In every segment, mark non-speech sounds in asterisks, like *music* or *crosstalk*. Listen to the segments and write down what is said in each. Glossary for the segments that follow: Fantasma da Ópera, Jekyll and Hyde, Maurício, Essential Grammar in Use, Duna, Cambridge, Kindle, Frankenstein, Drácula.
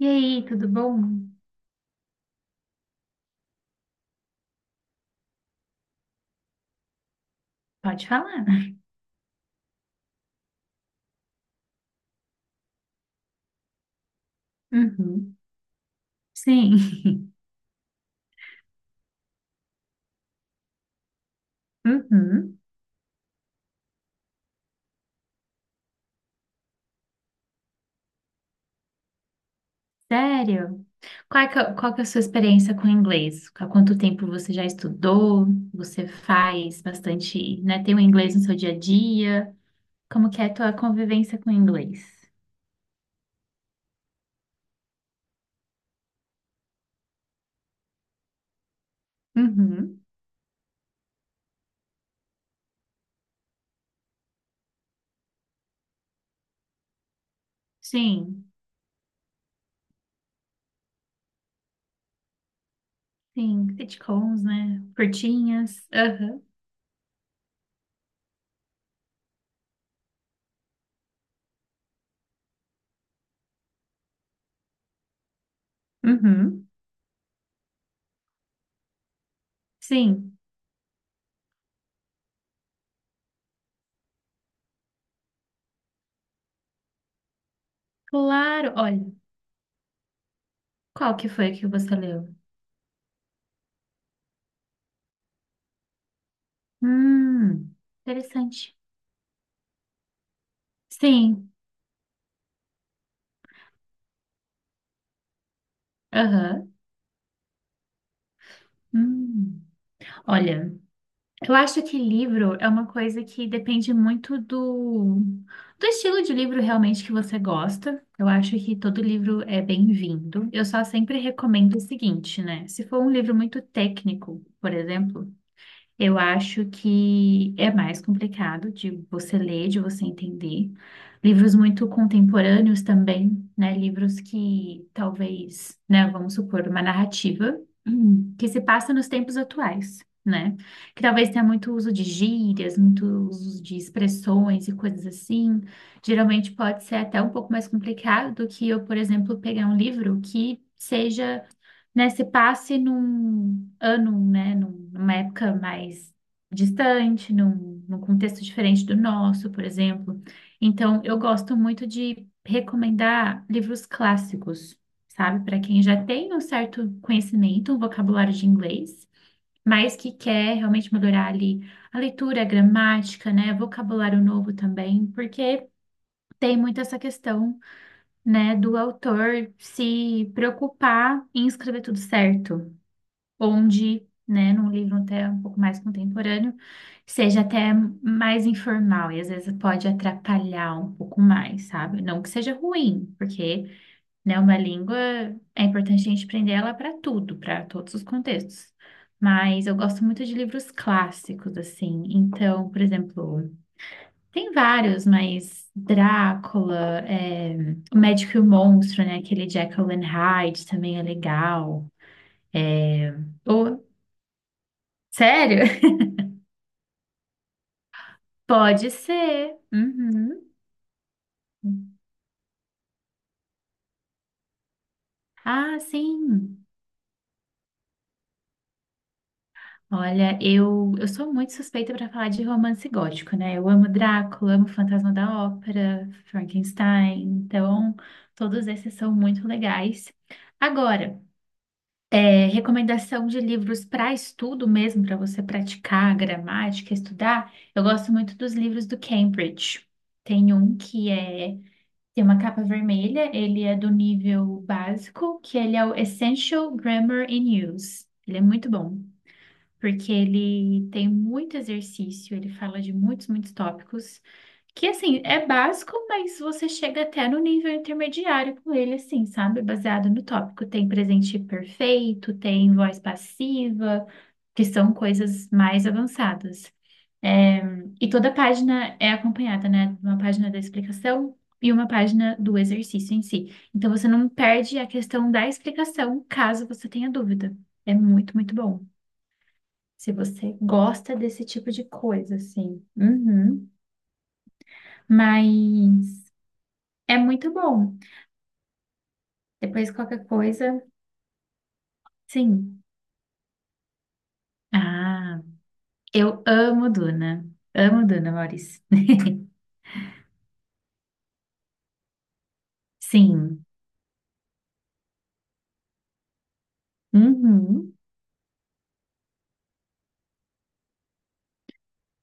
E aí, tudo bom? Pode falar. Uhum. Sim. *laughs* Uhum. Sério? Qual que é a sua experiência com o inglês? Há quanto tempo você já estudou? Você faz bastante, né? Tem o inglês no seu dia a dia? Como que é a tua convivência com o inglês? Uhum. Sim. Sim. Sitcoms, né? Curtinhas. Aham. Uhum. Sim. Claro. Olha, qual que foi que você leu? Hum, interessante. Sim. Aham. Hum. Olha, eu acho que livro é uma coisa que depende muito do estilo de livro realmente que você gosta. Eu acho que todo livro é bem-vindo. Eu só sempre recomendo o seguinte, né? Se for um livro muito técnico, por exemplo, eu acho que é mais complicado de você ler, de você entender. Livros muito contemporâneos também, né? Livros que talvez, né, vamos supor, uma narrativa que se passa nos tempos atuais, né? Que talvez tenha muito uso de gírias, muito uso de expressões e coisas assim. Geralmente pode ser até um pouco mais complicado do que eu, por exemplo, pegar um livro que seja, né, se passe num ano, né, numa época mais distante, num contexto diferente do nosso, por exemplo. Então, eu gosto muito de recomendar livros clássicos, sabe, para quem já tem um certo conhecimento, um vocabulário de inglês, mas que quer realmente melhorar ali a leitura, a gramática, né, vocabulário novo também, porque tem muito essa questão, né, do autor se preocupar em escrever tudo certo onde, né, num livro até um pouco mais contemporâneo, seja até mais informal e às vezes pode atrapalhar um pouco mais, sabe? Não que seja ruim, porque, né, uma língua é importante a gente aprender ela para tudo, para todos os contextos. Mas eu gosto muito de livros clássicos, assim. Então, por exemplo, tem vários, mas Drácula, é, O Médico e o Monstro, né? Aquele de Jekyll and Hyde também é legal. É, ou- Sério? Pode ser. Uhum. Ah, sim. Olha, eu sou muito suspeita para falar de romance gótico, né? Eu amo Drácula, amo Fantasma da Ópera, Frankenstein. Então, todos esses são muito legais. Agora, é, recomendação de livros para estudo mesmo, para você praticar a gramática, estudar. Eu gosto muito dos livros do Cambridge. Tem um que é, tem uma capa vermelha, ele é do nível básico, que ele é o Essential Grammar in Use. Ele é muito bom, porque ele tem muito exercício, ele fala de muitos, muitos tópicos, que assim, é básico, mas você chega até no nível intermediário com ele, assim, sabe? Baseado no tópico. Tem presente perfeito, tem voz passiva, que são coisas mais avançadas. É, e toda página é acompanhada, né, de uma página da explicação e uma página do exercício em si. Então você não perde a questão da explicação caso você tenha dúvida. É muito, muito bom. Se você gosta desse tipo de coisa, assim. Uhum. Mas é muito bom. Depois qualquer coisa, sim. Ah, eu amo Duna. Amo Duna, Maurício. *laughs* Sim. Uhum.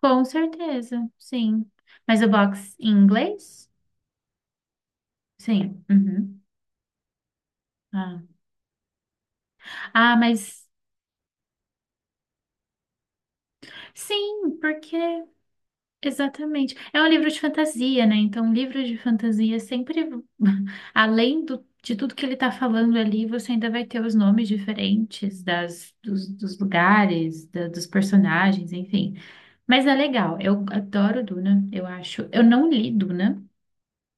Com certeza, sim. Mas o box em inglês? Sim. Uhum. Ah. Ah, mas sim, porque exatamente. É um livro de fantasia, né? Então, livro de fantasia sempre, *laughs* além de tudo que ele está falando ali, você ainda vai ter os nomes diferentes das, dos, dos lugares, dos personagens, enfim. Mas é legal. Eu adoro Duna, eu acho. Eu não li Duna.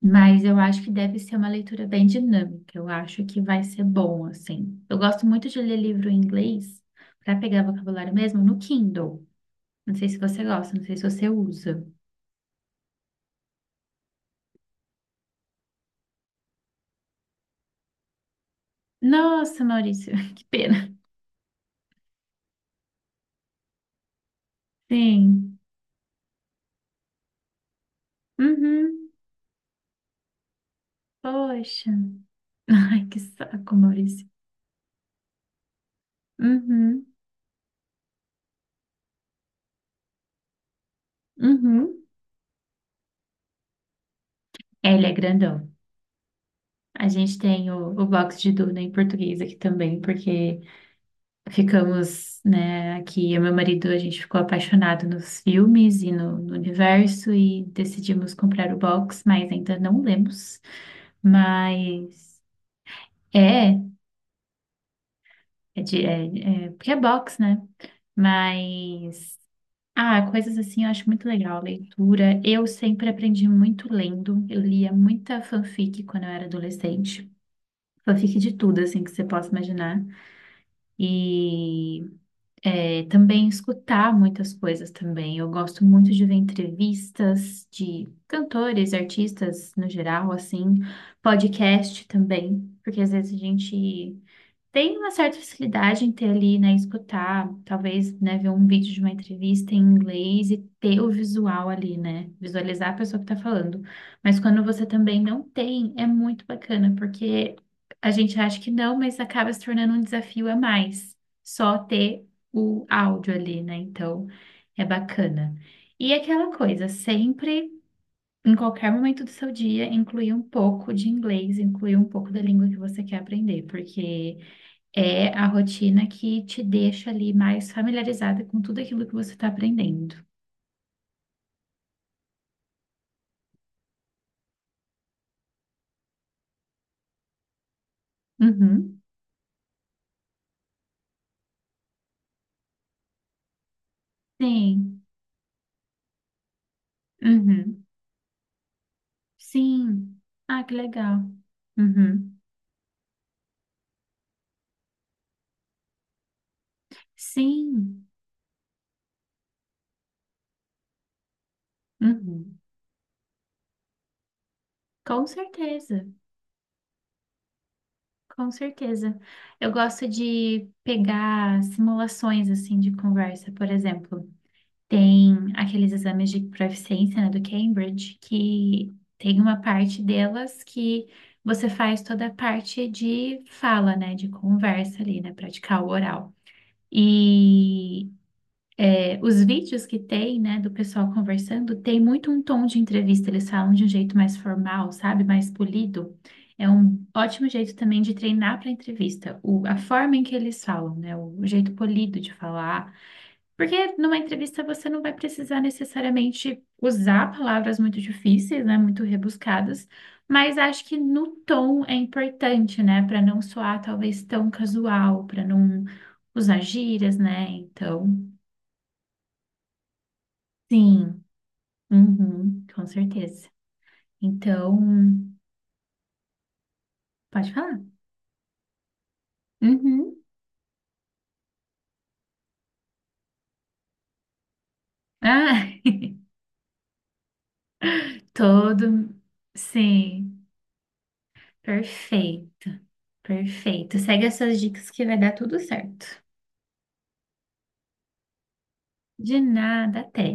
Mas eu acho que deve ser uma leitura bem dinâmica. Eu acho que vai ser bom, assim. Eu gosto muito de ler livro em inglês para pegar vocabulário mesmo no Kindle. Não sei se você gosta, não sei se você usa. Nossa, Maurício, *laughs* que pena. Sim. Uhum. Poxa. *laughs* Ai, que saco, Maurício. Uhum. Uhum. É, ele é grandão. A gente tem o box de Duna em português aqui também, porque ficamos, né, aqui, eu e meu marido, a gente ficou apaixonado nos filmes e no, no universo e decidimos comprar o box, mas ainda não lemos. Mas é, porque é box, né? Mas ah, coisas assim eu acho muito legal, leitura. Eu sempre aprendi muito lendo. Eu lia muita fanfic quando eu era adolescente. Fanfic de tudo, assim, que você possa imaginar. E é, também escutar muitas coisas também. Eu gosto muito de ver entrevistas de cantores, artistas no geral, assim, podcast também, porque às vezes a gente tem uma certa facilidade em ter ali, né, escutar, talvez, né, ver um vídeo de uma entrevista em inglês e ter o visual ali, né, visualizar a pessoa que tá falando. Mas quando você também não tem, é muito bacana, porque a gente acha que não, mas acaba se tornando um desafio a mais, só ter o áudio ali, né, então é bacana. E aquela coisa, sempre. Em qualquer momento do seu dia, incluir um pouco de inglês, incluir um pouco da língua que você quer aprender, porque é a rotina que te deixa ali mais familiarizada com tudo aquilo que você está aprendendo. Uhum. Sim. Uhum. Sim. Ah, que legal. Uhum. Sim. Uhum. Com certeza. Com certeza. Eu gosto de pegar simulações assim de conversa, por exemplo. Tem aqueles exames de proficiência, né, do Cambridge, que tem uma parte delas que você faz toda a parte de fala, né, de conversa ali, né, praticar o oral. E é, os vídeos que tem, né, do pessoal conversando, tem muito um tom de entrevista, eles falam de um jeito mais formal, sabe, mais polido. É um ótimo jeito também de treinar para entrevista, o, a forma em que eles falam, né, o jeito polido de falar porque numa entrevista você não vai precisar necessariamente usar palavras muito difíceis, né, muito rebuscadas, mas acho que no tom é importante, né, para não soar talvez tão casual, para não usar gírias, né? Então, sim, uhum, com certeza. Então, pode falar. Uhum. Ah, *laughs* todo, sim, perfeito, perfeito. Segue essas dicas que vai dar tudo certo. De nada, até.